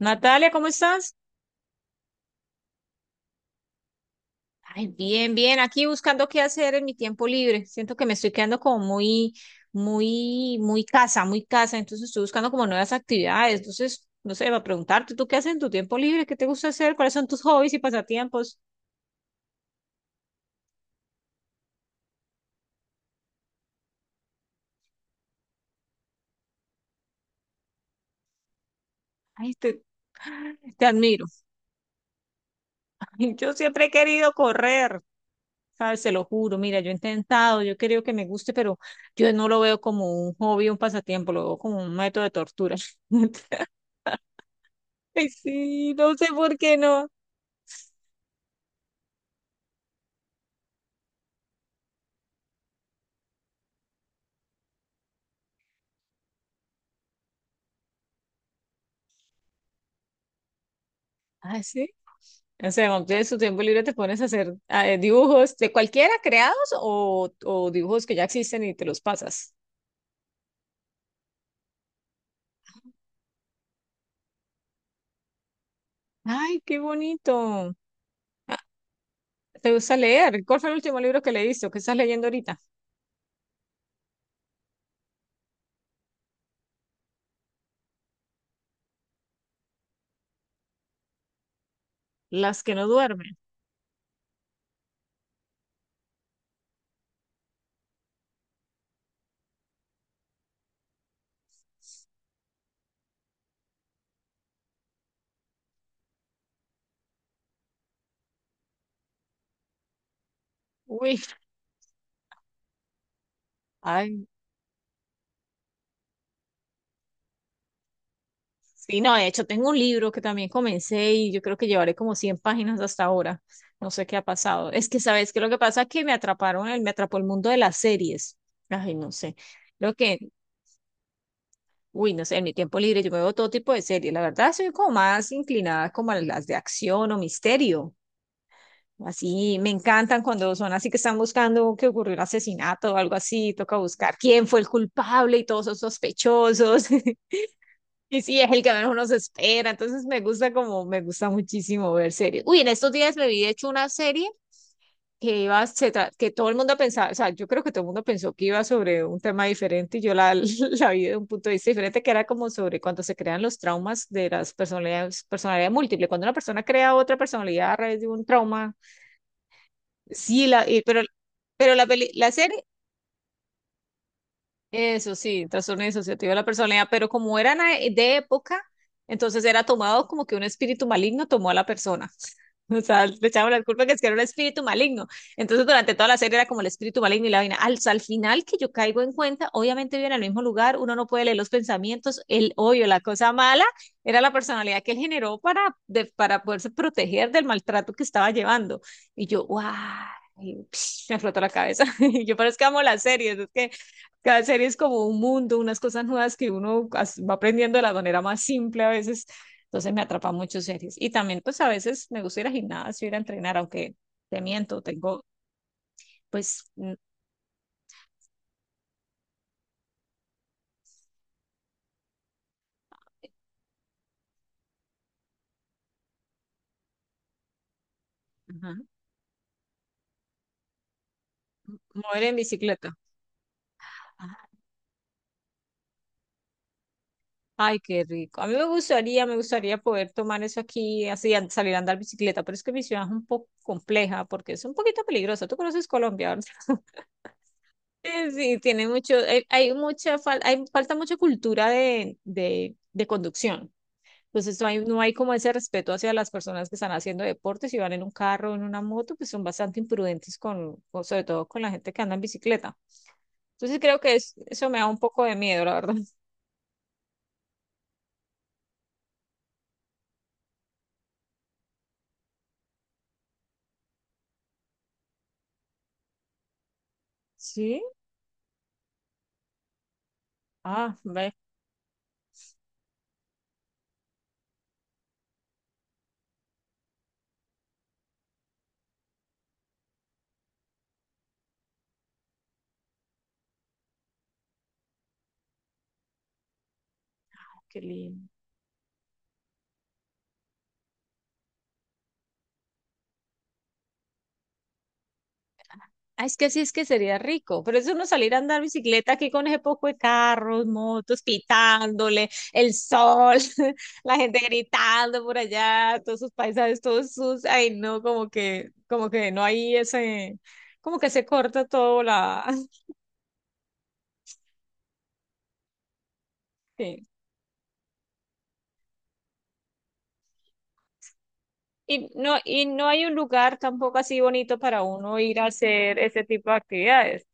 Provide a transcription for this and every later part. Natalia, ¿cómo estás? Ay, bien, bien, aquí buscando qué hacer en mi tiempo libre. Siento que me estoy quedando como muy, muy, muy casa, muy casa. Entonces estoy buscando como nuevas actividades. Entonces, no sé, va a preguntarte, ¿tú qué haces en tu tiempo libre? ¿Qué te gusta hacer? ¿Cuáles son tus hobbies y pasatiempos? Ay, te admiro. Yo siempre he querido correr, ¿sabes? Se lo juro. Mira, yo he intentado, yo creo que me guste, pero yo no lo veo como un hobby, un pasatiempo, lo veo como un método de tortura. Ay, sí, no sé por qué no. Ah, sí. O sea, cuando tienes tu tiempo libre te pones a hacer dibujos de cualquiera creados o dibujos que ya existen y te los pasas. Ay, qué bonito. ¿Te gusta leer? ¿Cuál fue el último libro que leíste o qué estás leyendo ahorita? Las que no duermen. Uy, ay. Sí, no, de hecho tengo un libro que también comencé y yo creo que llevaré como 100 páginas hasta ahora. No sé qué ha pasado. Es que, ¿sabes qué? Lo que pasa es que me atraparon, me atrapó el mundo de las series. Ay, no sé. Lo que, uy, no sé, en mi tiempo libre yo me veo todo tipo de series. La verdad, soy como más inclinada como a las de acción o misterio. Así me encantan cuando son así que están buscando que ocurrió un asesinato o algo así. Toca buscar quién fue el culpable y todos son sospechosos. Y sí, es el que menos uno se espera. Entonces me gusta como, me gusta muchísimo ver series. Uy, en estos días me vi de hecho una serie que iba, que todo el mundo pensaba, o sea, yo creo que todo el mundo pensó que iba sobre un tema diferente y yo la, la vi de un punto de vista diferente, que era como sobre cuando se crean los traumas de las personalidades, personalidad múltiple, cuando una persona crea otra personalidad a través de un trauma, sí, pero, pero la serie. Eso sí, trastorno disociativo de la personalidad, pero como eran de época, entonces era tomado como que un espíritu maligno tomó a la persona. O sea, le echaban la culpa que es que era un espíritu maligno. Entonces, durante toda la serie era como el espíritu maligno y la vaina. Al final que yo caigo en cuenta, obviamente vive en el mismo lugar, uno no puede leer los pensamientos, el odio, la cosa mala, era la personalidad que él generó para, para poderse proteger del maltrato que estaba llevando. Y yo, ¡guau! Y, me flotó la cabeza. Y yo, pero es que amo las series, es que cada serie es como un mundo, unas cosas nuevas que uno va aprendiendo de la manera más simple a veces. Entonces me atrapa mucho series. Y también pues a veces me gusta ir al gimnasio, ir a entrenar, aunque te miento, tengo pues ajá, mover en bicicleta. Ah, ay, qué rico. A mí me gustaría poder tomar eso aquí, así, salir a andar bicicleta, pero es que mi ciudad es un poco compleja porque es un poquito peligrosa. Tú conoces Colombia, ¿verdad? Sí, tiene mucho, hay mucha, hay, falta mucha cultura de conducción. Entonces no hay, no hay como ese respeto hacia las personas que están haciendo deportes y van en un carro o en una moto, pues son bastante imprudentes con, sobre todo con la gente que anda en bicicleta. Entonces creo que es, eso me da un poco de miedo, la verdad. Sí, ah, ve, qué lindo. Ay, es que sí, es que sería rico, pero eso no salir a andar bicicleta aquí con ese poco de carros, motos, pitándole, el sol, la gente gritando por allá, todos sus paisajes, todos sus, ay no, como que no hay ese, como que se corta todo la, sí. Y no hay un lugar tampoco así bonito para uno ir a hacer ese tipo de actividades.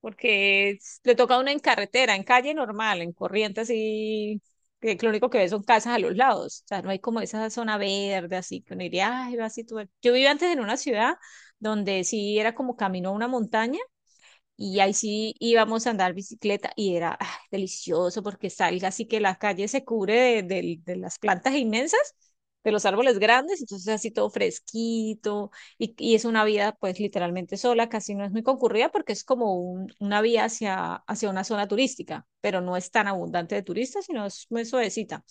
Porque le toca a uno en carretera, en calle normal, en corriente así, que lo único que ve son casas a los lados, o sea, no hay como esa zona verde así, que uno diría, ay, va así todo". Yo vivía antes en una ciudad donde sí era como camino a una montaña, y ahí sí íbamos a andar bicicleta y era ah, delicioso porque salga así que la calle se cubre de, de las plantas inmensas, de los árboles grandes, entonces así todo fresquito y es una vía pues literalmente sola, casi no es muy concurrida porque es como una vía hacia, hacia una zona turística, pero no es tan abundante de turistas, sino es muy suavecita.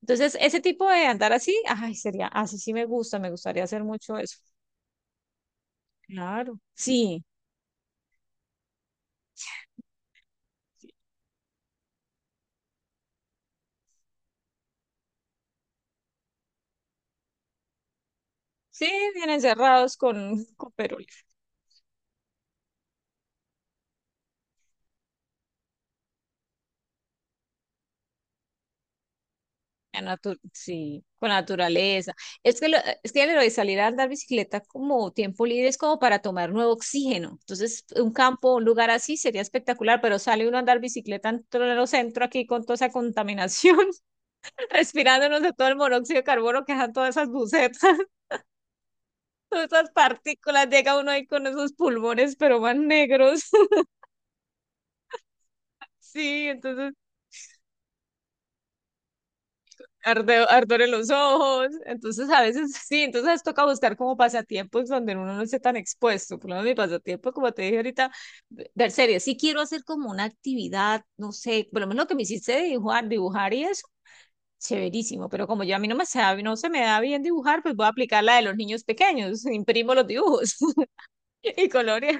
Entonces ese tipo de andar así, ay, sería, así sí sí me gusta, me gustaría hacer mucho eso. Claro. Sí. Sí, bien encerrados con, con la sí, con la naturaleza. Es que, es que lo de salir a andar bicicleta como tiempo libre es como para tomar nuevo oxígeno. Entonces, un campo, un lugar así sería espectacular, pero sale uno a andar bicicleta en el centro aquí con toda esa contaminación, respirándonos de todo el monóxido de carbono que dejan todas esas bucetas, todas esas partículas, llega uno ahí con esos pulmones, pero más negros. Sí, entonces ardor en los ojos. Entonces, a veces sí, entonces toca buscar como pasatiempos donde uno no esté tan expuesto. Por lo menos mi pasatiempo, como te dije ahorita, ver series. Sí quiero hacer como una actividad, no sé, por lo menos lo que me hiciste de dibujar, dibujar y eso, chéverísimo. Pero como yo a mí no no se me da bien dibujar, pues voy a aplicar la de los niños pequeños. Imprimo los dibujos y colores.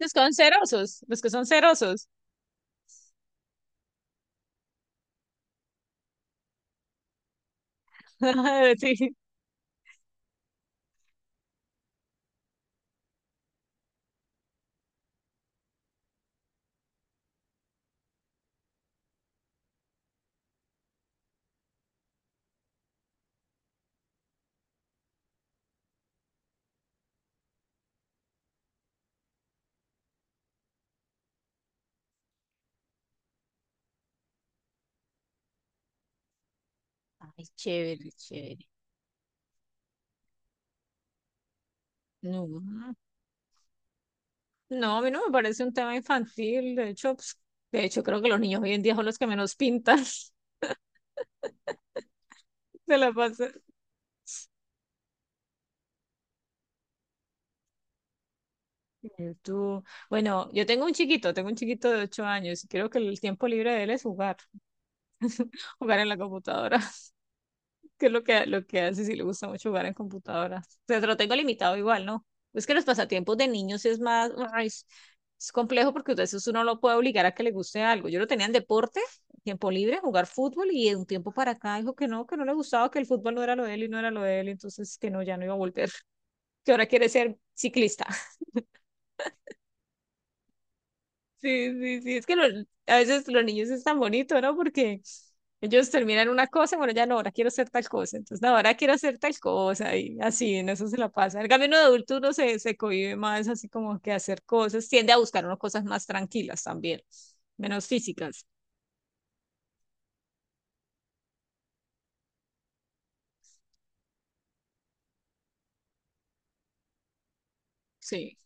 Los que son cerosos, los que son cerosos. Sí. Ay, chévere, chévere. No. No, a mí no me parece un tema infantil. De hecho, pues, de hecho, creo que los niños hoy en día son los que menos pintan. de la pasas en tú. Bueno, yo tengo un chiquito de 8 años y creo que el tiempo libre de él es jugar, jugar en la computadora. Que es lo que hace si le gusta mucho jugar en computadora. O sea, se lo tengo limitado igual, ¿no? Es que los pasatiempos de niños es más, ay, es complejo porque a veces uno lo puede obligar a que le guste algo. Yo lo tenía en deporte, tiempo libre, jugar fútbol y de un tiempo para acá dijo que no le gustaba, que el fútbol no era lo de él y no era lo de él, entonces que no, ya no iba a volver, que ahora quiere ser ciclista. Sí, sí, sí, a veces los niños es tan bonito, ¿no? Porque ellos terminan una cosa, bueno, ya no, ahora quiero hacer tal cosa, entonces no, ahora quiero hacer tal cosa y así, en eso se la pasa. En cambio, uno de adulto uno se, se cohíbe más así como que hacer cosas, tiende a buscar unas cosas más tranquilas también, menos físicas. Sí,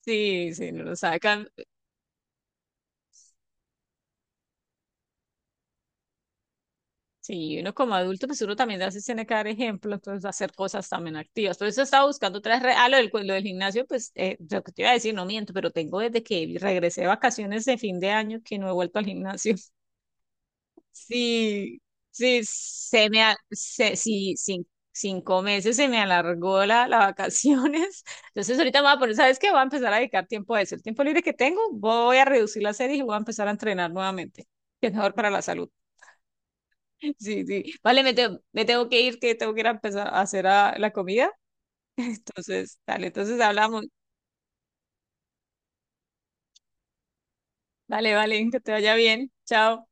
sí, sí, no lo sabe. Sí, uno como adulto, pues uno también a veces tiene que dar ejemplo, entonces hacer cosas también activas. Por eso estaba buscando otras redes. Ah, lo del, lo del gimnasio, pues lo que te iba a decir, no miento, pero tengo desde que regresé de vacaciones de fin de año que no he vuelto al gimnasio. Sí, sí, se me, sí, 5 meses se me alargó la, las vacaciones. Entonces ahorita me voy a poner, ¿sabes qué? Voy a empezar a dedicar tiempo a eso. El tiempo libre que tengo, voy a reducir la serie y voy a empezar a entrenar nuevamente, que es mejor para la salud. Sí, sí. Vale, me, me tengo que ir, que tengo que ir a empezar a hacer la comida. Entonces, dale, entonces hablamos. Vale, vale, que te vaya bien. Chao.